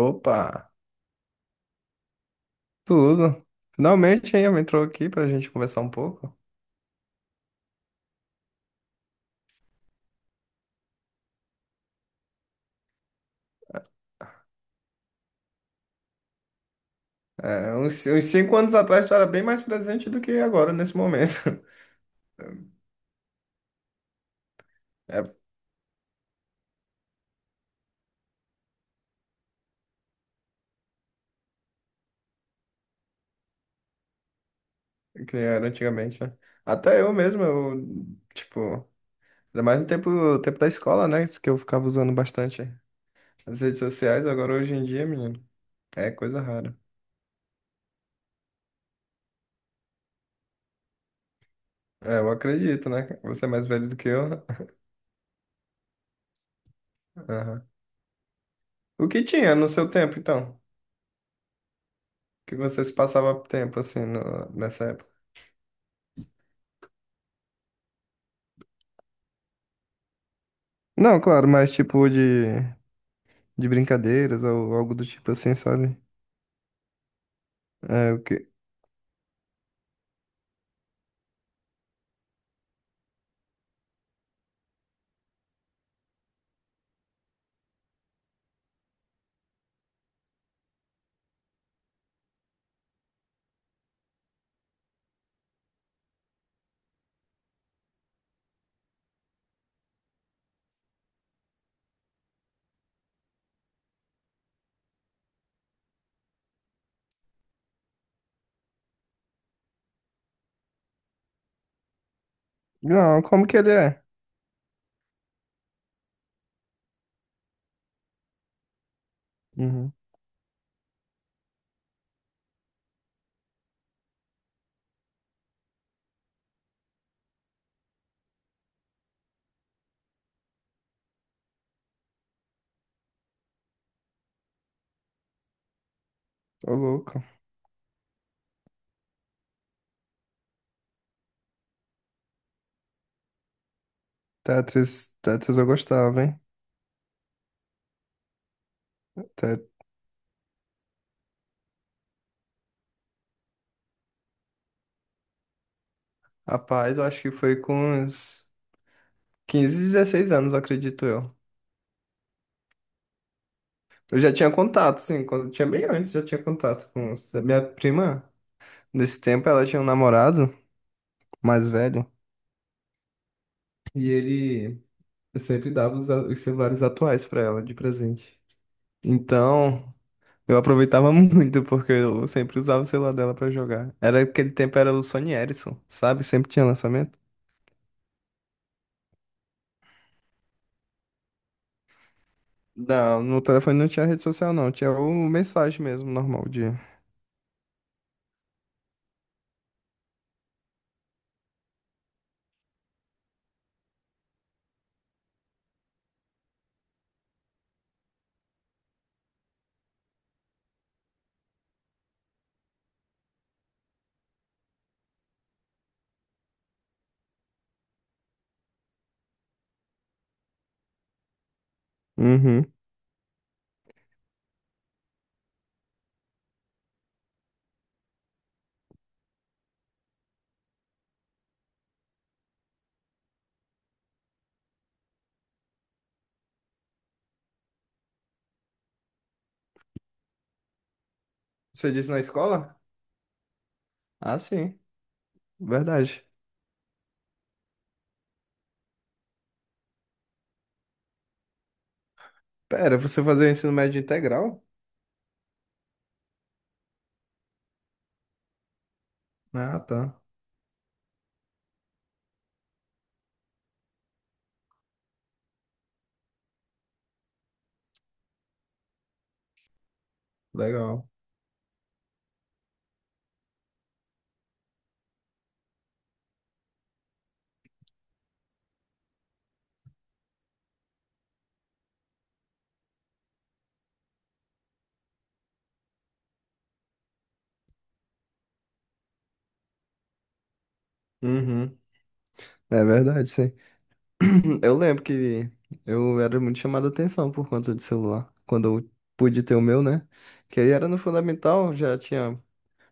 Opa, tudo. Finalmente aí entrou aqui pra gente conversar um pouco. É, uns cinco anos atrás tu era bem mais presente do que agora, nesse momento. É, que era antigamente, né? Até eu mesmo, eu, tipo, era mais no tempo da escola, né? Isso que eu ficava usando bastante as redes sociais, agora hoje em dia, menino, é coisa rara. É, eu acredito, né? Você é mais velho do que eu. Aham. O que tinha no seu tempo, então? O que você se passava tempo assim nessa época? Não, claro, mas tipo de brincadeiras ou algo do tipo assim, sabe? É o que. Não, como que ele é? Uhum. Ô, louco. Tetris, Tetris eu gostava, hein? Te- Rapaz, eu acho que foi com uns 15, 16 anos, eu acredito eu. Eu já tinha contato, sim, quando tinha bem antes, já tinha contato com da minha prima. Nesse tempo ela tinha um namorado mais velho e ele sempre dava os celulares atuais pra ela de presente. Então, eu aproveitava muito porque eu sempre usava o celular dela pra jogar. Era aquele tempo, era o Sony Ericsson, sabe? Sempre tinha lançamento. Não, no telefone não tinha rede social não, tinha o mensagem mesmo normal de. Uhum. Você disse na escola? Ah, sim. Verdade. Pera, você fazia o ensino médio integral? Ah, tá. Legal. Uhum. É verdade, sim. Eu lembro que eu era muito chamado a atenção por conta de celular. Quando eu pude ter o meu, né? Que aí era no fundamental, já tinha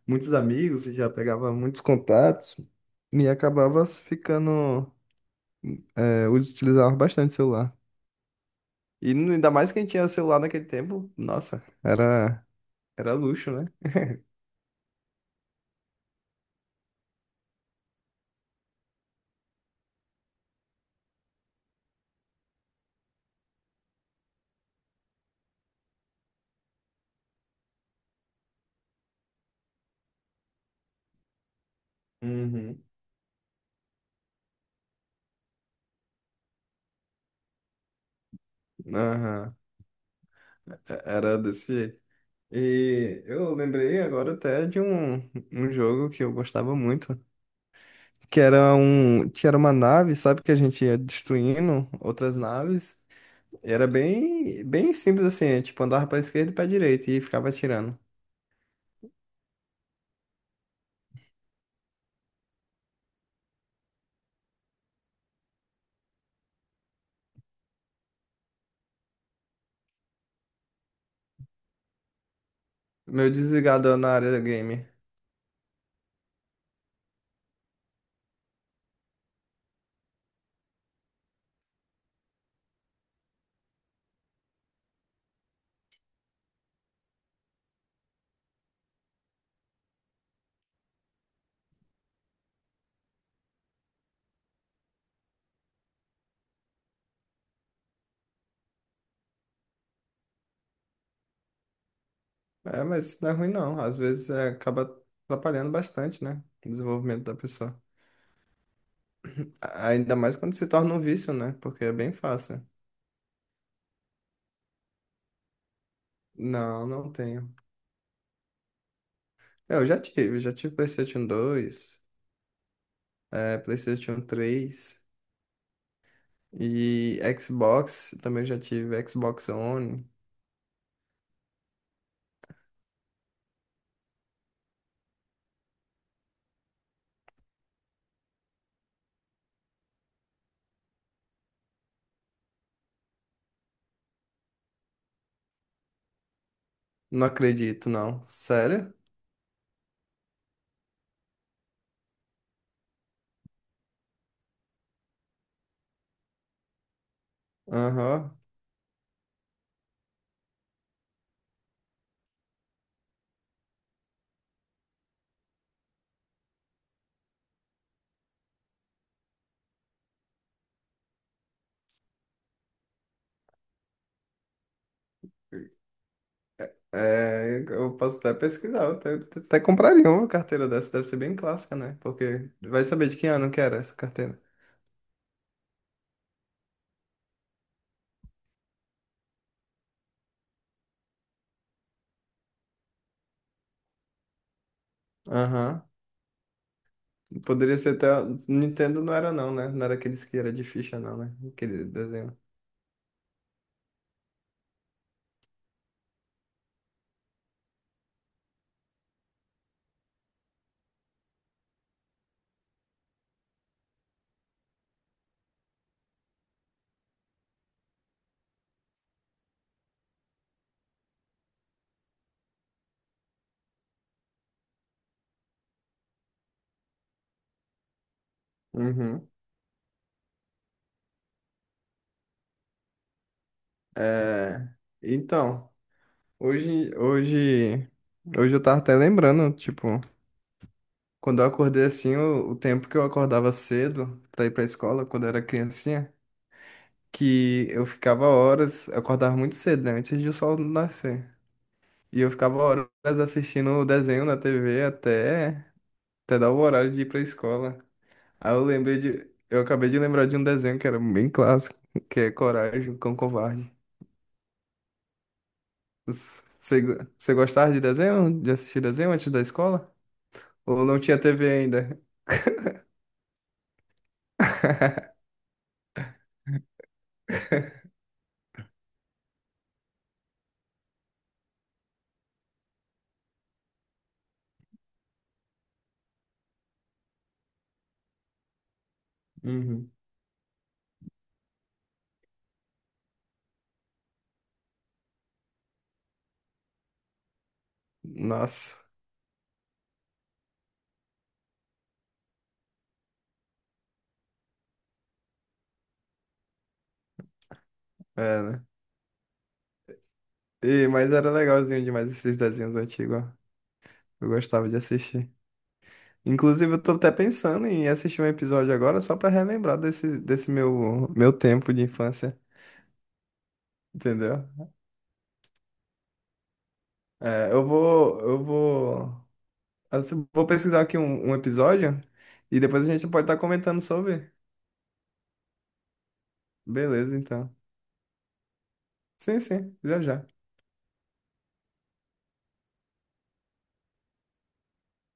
muitos amigos, já pegava muitos contatos e acabava ficando, é, utilizava bastante o celular. E ainda mais quem tinha celular naquele tempo, nossa, era, era luxo, né? Uhum. Aham. Era desse jeito. E eu lembrei agora até de um jogo que eu gostava muito, que era que era uma nave, sabe, que a gente ia destruindo outras naves. Era bem simples assim, é, tipo andava para esquerda e para direita e ficava atirando. Meu desligador na área da game. É, mas isso não é ruim não. Às vezes é, acaba atrapalhando bastante, né? O desenvolvimento da pessoa. Ainda mais quando se torna um vício, né? Porque é bem fácil. Não, não tenho. É, eu já tive PlayStation dois, é, PlayStation três e Xbox. Também já tive Xbox One. Não acredito, não. Sério? Aham. É, eu posso até pesquisar, eu até compraria uma carteira dessa, deve ser bem clássica, né? Porque vai saber de que ano que era essa carteira. Aham. Poderia ser até. Nintendo não era, não, né? Não era aqueles que era de ficha, não, né? Aquele desenho. Uhum. É, então, hoje, hoje, hoje eu tava até lembrando, tipo, quando eu acordei assim, o tempo que eu acordava cedo pra ir pra escola, quando eu era criancinha, que eu ficava horas, eu acordava muito cedo, né? Antes de o sol nascer. E eu ficava horas assistindo o desenho na TV até, até dar o horário de ir pra escola. Aí eu lembrei de. Eu acabei de lembrar de um desenho que era bem clássico, que é Coragem, o Cão Covarde. Você, você gostava de desenho? De assistir desenho antes da escola? Ou não tinha TV ainda? Uhum. Nossa, é, né? E, mas era legalzinho demais esses desenhos antigos, ó. Eu gostava de assistir. Inclusive, eu tô até pensando em assistir um episódio agora só pra relembrar desse meu, meu tempo de infância. Entendeu? É, eu vou, assim, vou pesquisar aqui um episódio e depois a gente pode estar comentando sobre. Beleza, então. Sim, sim, já já.